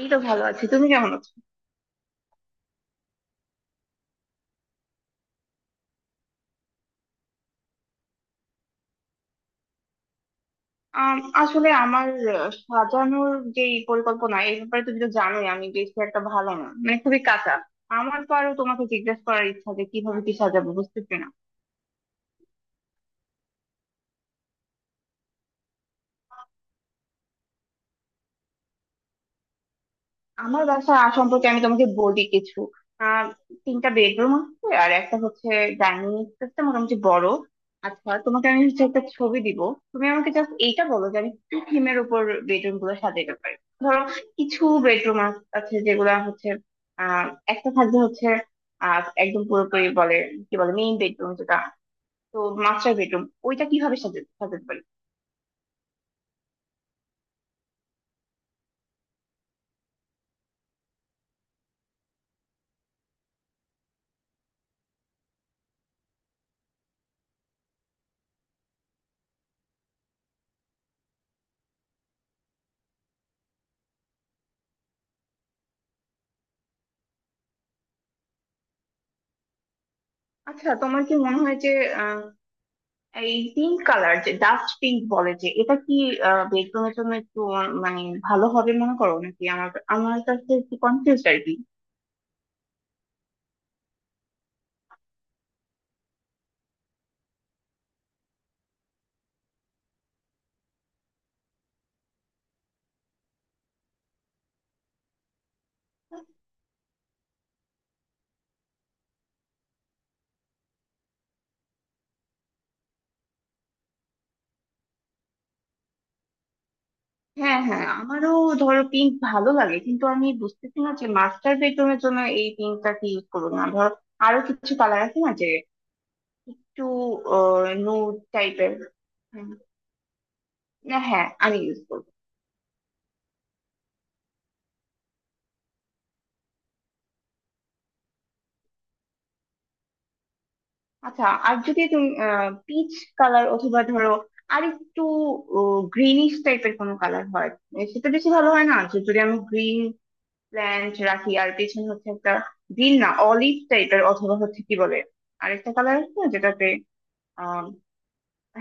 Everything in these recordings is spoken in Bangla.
এই তো ভালো আছি। তুমি কেমন আছো? আম, আসলে আমার সাজানোর যে পরিকল্পনা, এই ব্যাপারে তুমি তো জানোই আমি বেশি একটা ভালো না, মানে খুবই কাঁচা। আমার তো আরো তোমাকে জিজ্ঞেস করার ইচ্ছা যে কিভাবে কি সাজাবো বুঝতেছি না। আমার বাসা সম্পর্কে আমি তোমাকে বলি কিছু। আহ তিনটা বেডরুম আছে, আর একটা হচ্ছে ডাইনিং স্পেসটা মোটামুটি বড়। আচ্ছা, তোমাকে আমি হচ্ছে একটা ছবি দিব। তুমি আমাকে জাস্ট এইটা বলো যে আমি কি থিমের উপর বেডরুম গুলো সাজাতে পারি। ধরো কিছু বেডরুম আছে যেগুলা হচ্ছে আহ একটা থাকবে হচ্ছে একদম পুরোপুরি বলে কি বলে মেইন বেডরুম, যেটা তো মাস্টার বেডরুম, ওইটা কিভাবে সাজাতে সাজাতে পারি? আচ্ছা, তোমার কি মনে হয় যে এই পিঙ্ক কালার, যে ডাস্ট পিঙ্ক বলে, যে এটা কি বেডরুমের জন্য একটু মানে ভালো হবে মনে করো নাকি? আমার আমার কাছে একটু কনফিউজ আর কি। হ্যাঁ, হ্যাঁ, আমারও ধরো পিঙ্ক ভালো লাগে, কিন্তু আমি বুঝতেছি না যে মাস্টার বেডরুমের জন্য এই পিঙ্কটা কি ইউজ করবো না। ধরো আরো কিছু কালার আছে না, যে একটু নুড টাইপের। হ্যাঁ, হ্যাঁ, আমি ইউজ করবো। আচ্ছা, আর যদি তুমি পিচ কালার অথবা ধরো আর একটু গ্রিনিশ টাইপের কোনো কালার হয়, এ সেটা বেশি ভালো হয় না? যে যদি আমি গ্রিন প্ল্যান্ট রাখি আর পেছনে হচ্ছে একটা গ্রিন না অলিভ টাইপের, অথবা হচ্ছে কি বলে আরেকটা কালার আছে না, যেটাতে আহ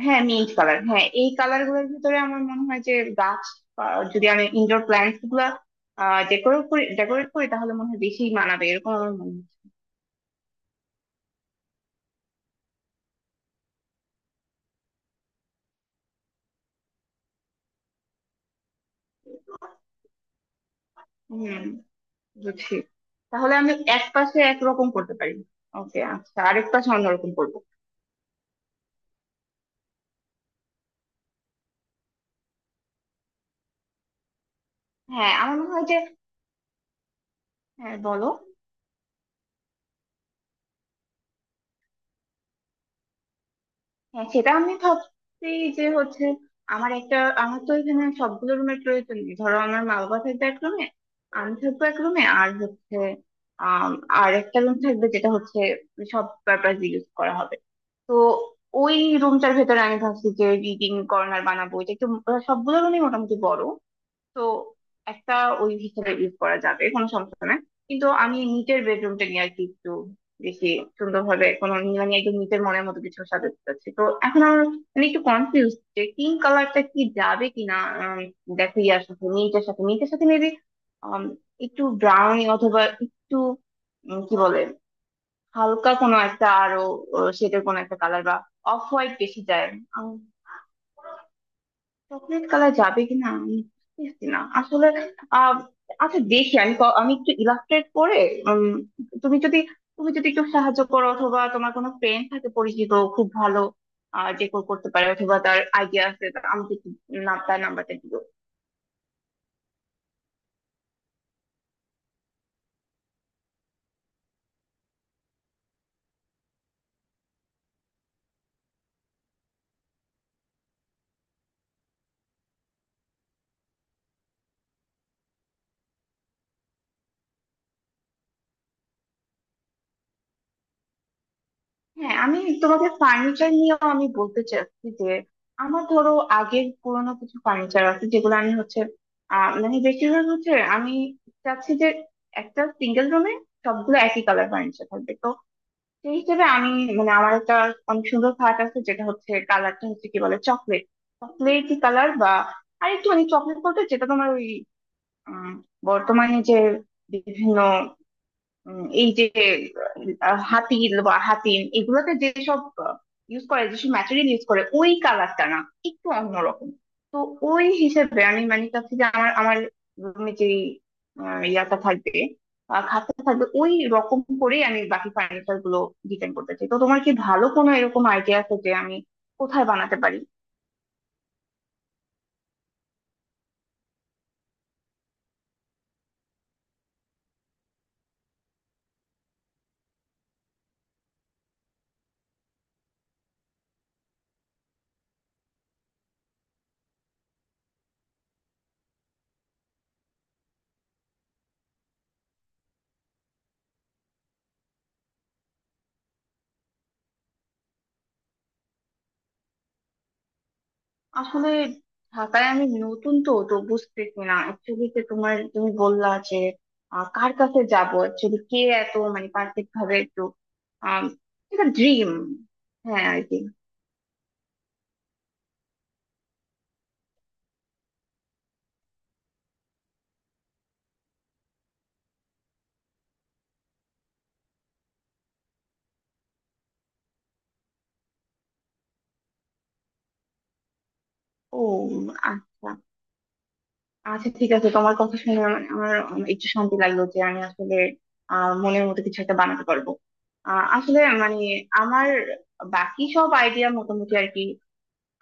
হ্যাঁ, মিন্ট কালার। হ্যাঁ, এই কালার গুলোর ভিতরে আমার মনে হয় যে গাছ, যদি আমি ইনডোর প্ল্যান্টস গুলা ডেকোরেট করি তাহলে মনে হয় বেশি মানাবে, এরকম আমার মনে হয়। হম, বুঝছি। তাহলে আমি এক পাশে একরকম করতে পারি। ওকে, আচ্ছা, আরেক পাশে অন্যরকম করবো। হ্যাঁ, আমার মনে হয় যে, হ্যাঁ বলো। হ্যাঁ, সেটা আমি ভাবছি যে হচ্ছে আমার একটা, আমার তো এখানে সবগুলো রুমের প্রয়োজন নেই। ধরো আমার মা বাবা থাকবে এক রুমে, আমি থাকবো এক রুমে, আর হচ্ছে আম, আর একটা রুম থাকবে যেটা হচ্ছে সব পারপাস ইউজ করা হবে। তো ওই রুমটার ভেতরে আমি ভাবছি যে রিডিং কর্নার বানাবো, এটা একটু। সবগুলো রুমই মোটামুটি বড়, তো একটা ওই হিসেবে ইউজ করা যাবে, কোনো সমস্যা না। কিন্তু আমি নিটের বেডরুমটা নিয়ে আর কি একটু বেশি সুন্দরভাবে কোনো মানে একদম নিটের মনের মতো কিছু সাজাতে চাচ্ছি। তো এখন আমার মানে একটু কনফিউজ, যে পিঙ্ক কালারটা কি যাবে কিনা না। দেখো ইয়ার সাথে, নীলটার সাথে মেবি একটু ব্রাউন, অথবা একটু কি বলে হালকা কোনো একটা আরো শেডের কোনো একটা কালার, বা অফ হোয়াইট বেশি যায়। চকলেট কালার যাবে কিনা আমি বুঝতেছি না আসলে। আহ আচ্ছা, দেখি আমি আমি একটু ইলাস্ট্রেট করে উম, তুমি যদি তুমি যদি একটু সাহায্য করো, অথবা তোমার কোনো ফ্রেন্ড থাকে পরিচিত খুব ভালো, যে করতে পারে অথবা তার আইডিয়া আছে, তা আমাকে একটু নাম, তার নাম্বারটা দিও। হ্যাঁ, আমি তোমাকে ফার্নিচার নিয়েও আমি বলতে চাচ্ছি যে আমার ধরো আগের পুরোনো কিছু ফার্নিচার আছে, যেগুলো আমি হচ্ছে মানে বেশিরভাগ হচ্ছে আমি চাচ্ছি যে একটা সিঙ্গেল রুমে সবগুলো একই কালার ফার্নিচার থাকবে। সেই হিসেবে আমি, মানে আমার একটা অনেক সুন্দর পার্ট আছে, যেটা হচ্ছে কালারটা হচ্ছে কি বলে চকলেট, চকলেটি কালার, বা আরেকটু মানে চকলেট বলতে যেটা তোমার ওই উম, বর্তমানে যে বিভিন্ন এই যে হাতি বা হাতিম এগুলোতে যেসব ইউজ করে, যেসব ম্যাটেরিয়াল ইউজ করে ওই কালারটা না, একটু অন্যরকম। তো ওই হিসেবে আমি মানে চাচ্ছি যে আমার আমার রুমে যে ইয়াটা থাকবে, খাটটা থাকবে, ওই রকম করে আমি বাকি ফার্নিচার গুলো ডিজাইন করতে চাই। তো তোমার কি ভালো কোনো এরকম আইডিয়া আছে যে আমি কোথায় বানাতে পারি? আসলে ঢাকায় আমি নতুন, তো তো বুঝতেছি না অ্যাকচুয়ালি, যে তোমার তুমি বললা যে কার কাছে যাব অ্যাকচুয়ালি, কে এত মানে পারফেক্ট ভাবে একটু আম, এটা ড্রিম। হ্যাঁ আর কি। ও আচ্ছা। আচ্ছা, ঠিক আছে, তোমার কথা শুনে আমার আমার একটু শান্তি লাগলো যে আমি আসলে মনের মতো কিছু একটা বানাতে পারবো। আসলে মানে আমার বাকি সব আইডিয়া মোটামুটি আর কি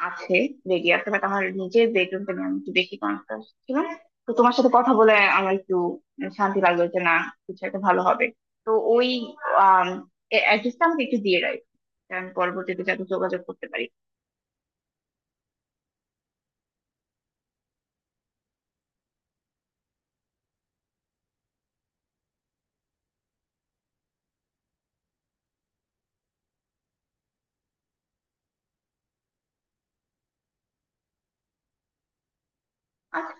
আছে, বেরিয়ে আছে, বাট আমার নিজের বেডরুমটা নিয়ে আমি একটু বেশি কনসাস ছিলাম। তো তোমার সাথে কথা বলে আমার একটু শান্তি লাগলো যে না, কিছু একটা ভালো হবে। তো ওই আম, অ্যাড্রেসটা আমাকে একটু দিয়ে রাখ, আমি পরবর্তীতে যাতে যোগাযোগ করতে পারি। আচ্ছা।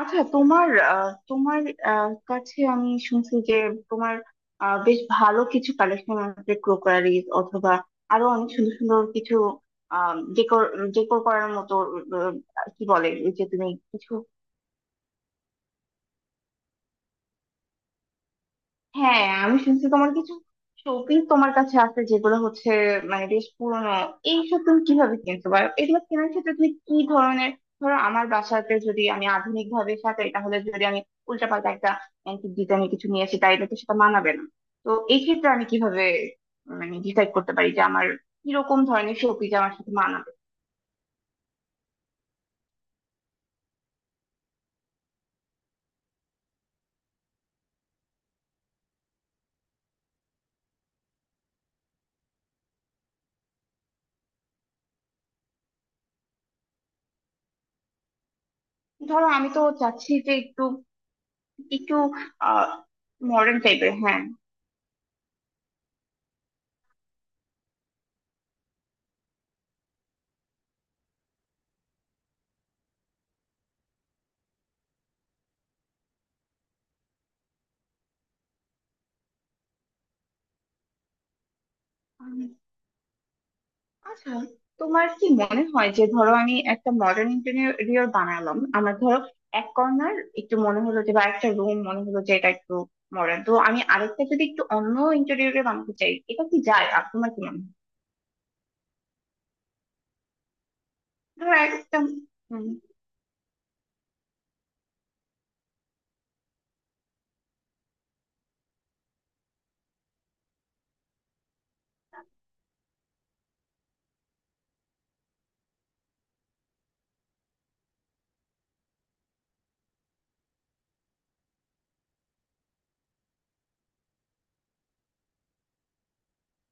আচ্ছা, তোমার তোমার কাছে আমি শুনছি যে তোমার বেশ ভালো কিছু কালেকশন আছে, ক্রোকারিজ অথবা আরো অনেক সুন্দর সুন্দর কিছু ডেকোর, করার মতো। আহ, কি বলে ওই যে, তুমি কিছু। হ্যাঁ, আমি শুনছি তোমার কিছু শোপিস তোমার কাছে আছে, যেগুলো হচ্ছে মানে বেশ পুরনো। এইসব তুমি কিভাবে কিনতে পারো, এগুলো কেনার ক্ষেত্রে তুমি কি ধরনের? ধরো আমার বাসাতে যদি আমি আধুনিক ভাবে সাজাই, তাহলে যদি আমি উল্টাপাল্টা একটা অ্যান্টিক ডিজাইনের কিছু নিয়ে আসি, তাইলে তো সেটা মানাবে না। তো এই ক্ষেত্রে আমি কিভাবে মানে ডিসাইড করতে পারি যে আমার কিরকম ধরনের শোপিস আমার সাথে মানাবে? ধরো আমি তো চাচ্ছি যে একটু, একটু আহ মডার্ন টাইপের, হ্যাঁ। আচ্ছা, তোমার কি মনে হয় যে, ধরো আমি একটা মডার্ন ইন্টেরিয়র বানালাম, আমার ধরো এক কর্নার একটু মনে হলো যে, বা একটা রুম মনে হলো যে এটা একটু মডার্ন, তো আমি আরেকটা যদি একটু অন্য ইন্টেরিয়রে বানাতে চাই, এটা কি যায় আর তোমার কি মনে হয়? ধরো একটা উম,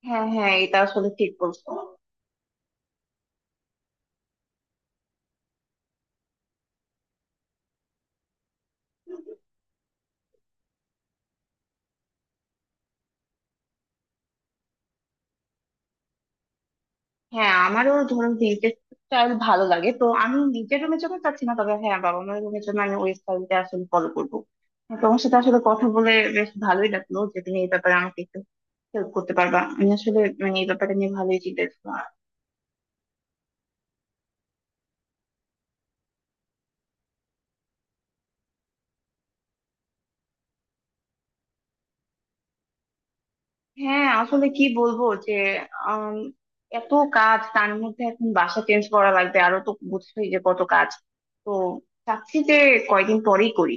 হ্যাঁ, হ্যাঁ, এটা আসলে ঠিক বলছো। হ্যাঁ, আমারও ধরো ভিন্টেজ স্টাইল ভালো লাগে, তো আমি নিজের রুমের জন্য চাচ্ছি না, তবে হ্যাঁ, বাবা মায়ের রুমের জন্য আমি ওই স্টাইলটা আসলে ফলো করবো। আর তোমার সাথে আসলে কথা বলে বেশ ভালোই লাগলো যে তুমি এই ব্যাপারে আমাকে একটু হেল্প করতে পারবা। আমি আসলে মানে এই ব্যাপারটা নিয়ে ভালোই চিন্তা। হ্যাঁ, আসলে কি বলবো যে আম, এত কাজ, তার মধ্যে এখন বাসা চেঞ্জ করা লাগবে আরো, তো বুঝছোই যে কত কাজ। তো চাচ্ছি যে কয়দিন পরেই করি।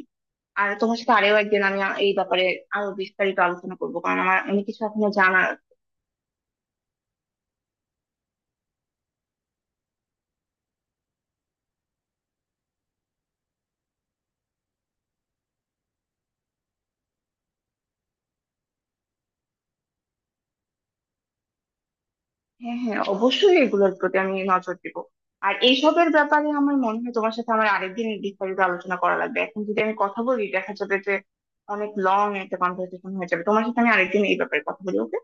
আর তোমার সাথে আরো একদিন আমি এই ব্যাপারে আরো বিস্তারিত আলোচনা করবো, কারণ আমার অনেক কিছু এখনো জানার আছে। হ্যাঁ, হ্যাঁ, অবশ্যই এগুলোর প্রতি আমি নজর দিব। আর এইসবের ব্যাপারে আমার মনে হয় তোমার সাথে আমার আরেকদিন বিস্তারিত আলোচনা করা লাগবে। এখন যদি আমি কথা বলি দেখা যাবে যে অনেক লং একটা কনভারসেশন হয়ে যাবে। তোমার সাথে আমি আরেকদিন এই ব্যাপারে কথা বলি, ওকে?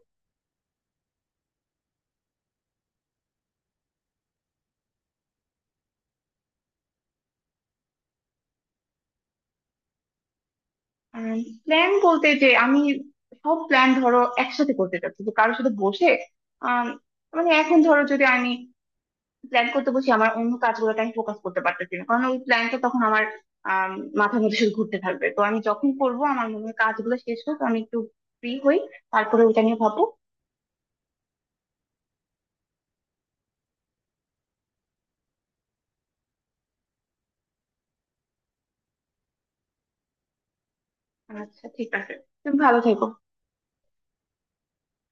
প্ল্যান বলতে যে আমি সব প্ল্যান ধরো একসাথে করতে চাচ্ছি, যে কারোর সাথে বসে। আম, মানে এখন ধরো যদি আমি প্ল্যান করতে বসি, আমার অন্য কাজগুলোতে আমি ফোকাস করতে পারতেছি না, কারণ ওই প্ল্যানটা তখন আমার আম, মাথার মধ্যে শুধু ঘুরতে থাকবে। তো আমি যখন করবো আমার মনে হয় কাজগুলো শেষ হোক, আমি একটু ফ্রি হই, তারপরে ওইটা নিয়ে ভাববো। আচ্ছা, ঠিক আছে। তুমি ভালো থেকো।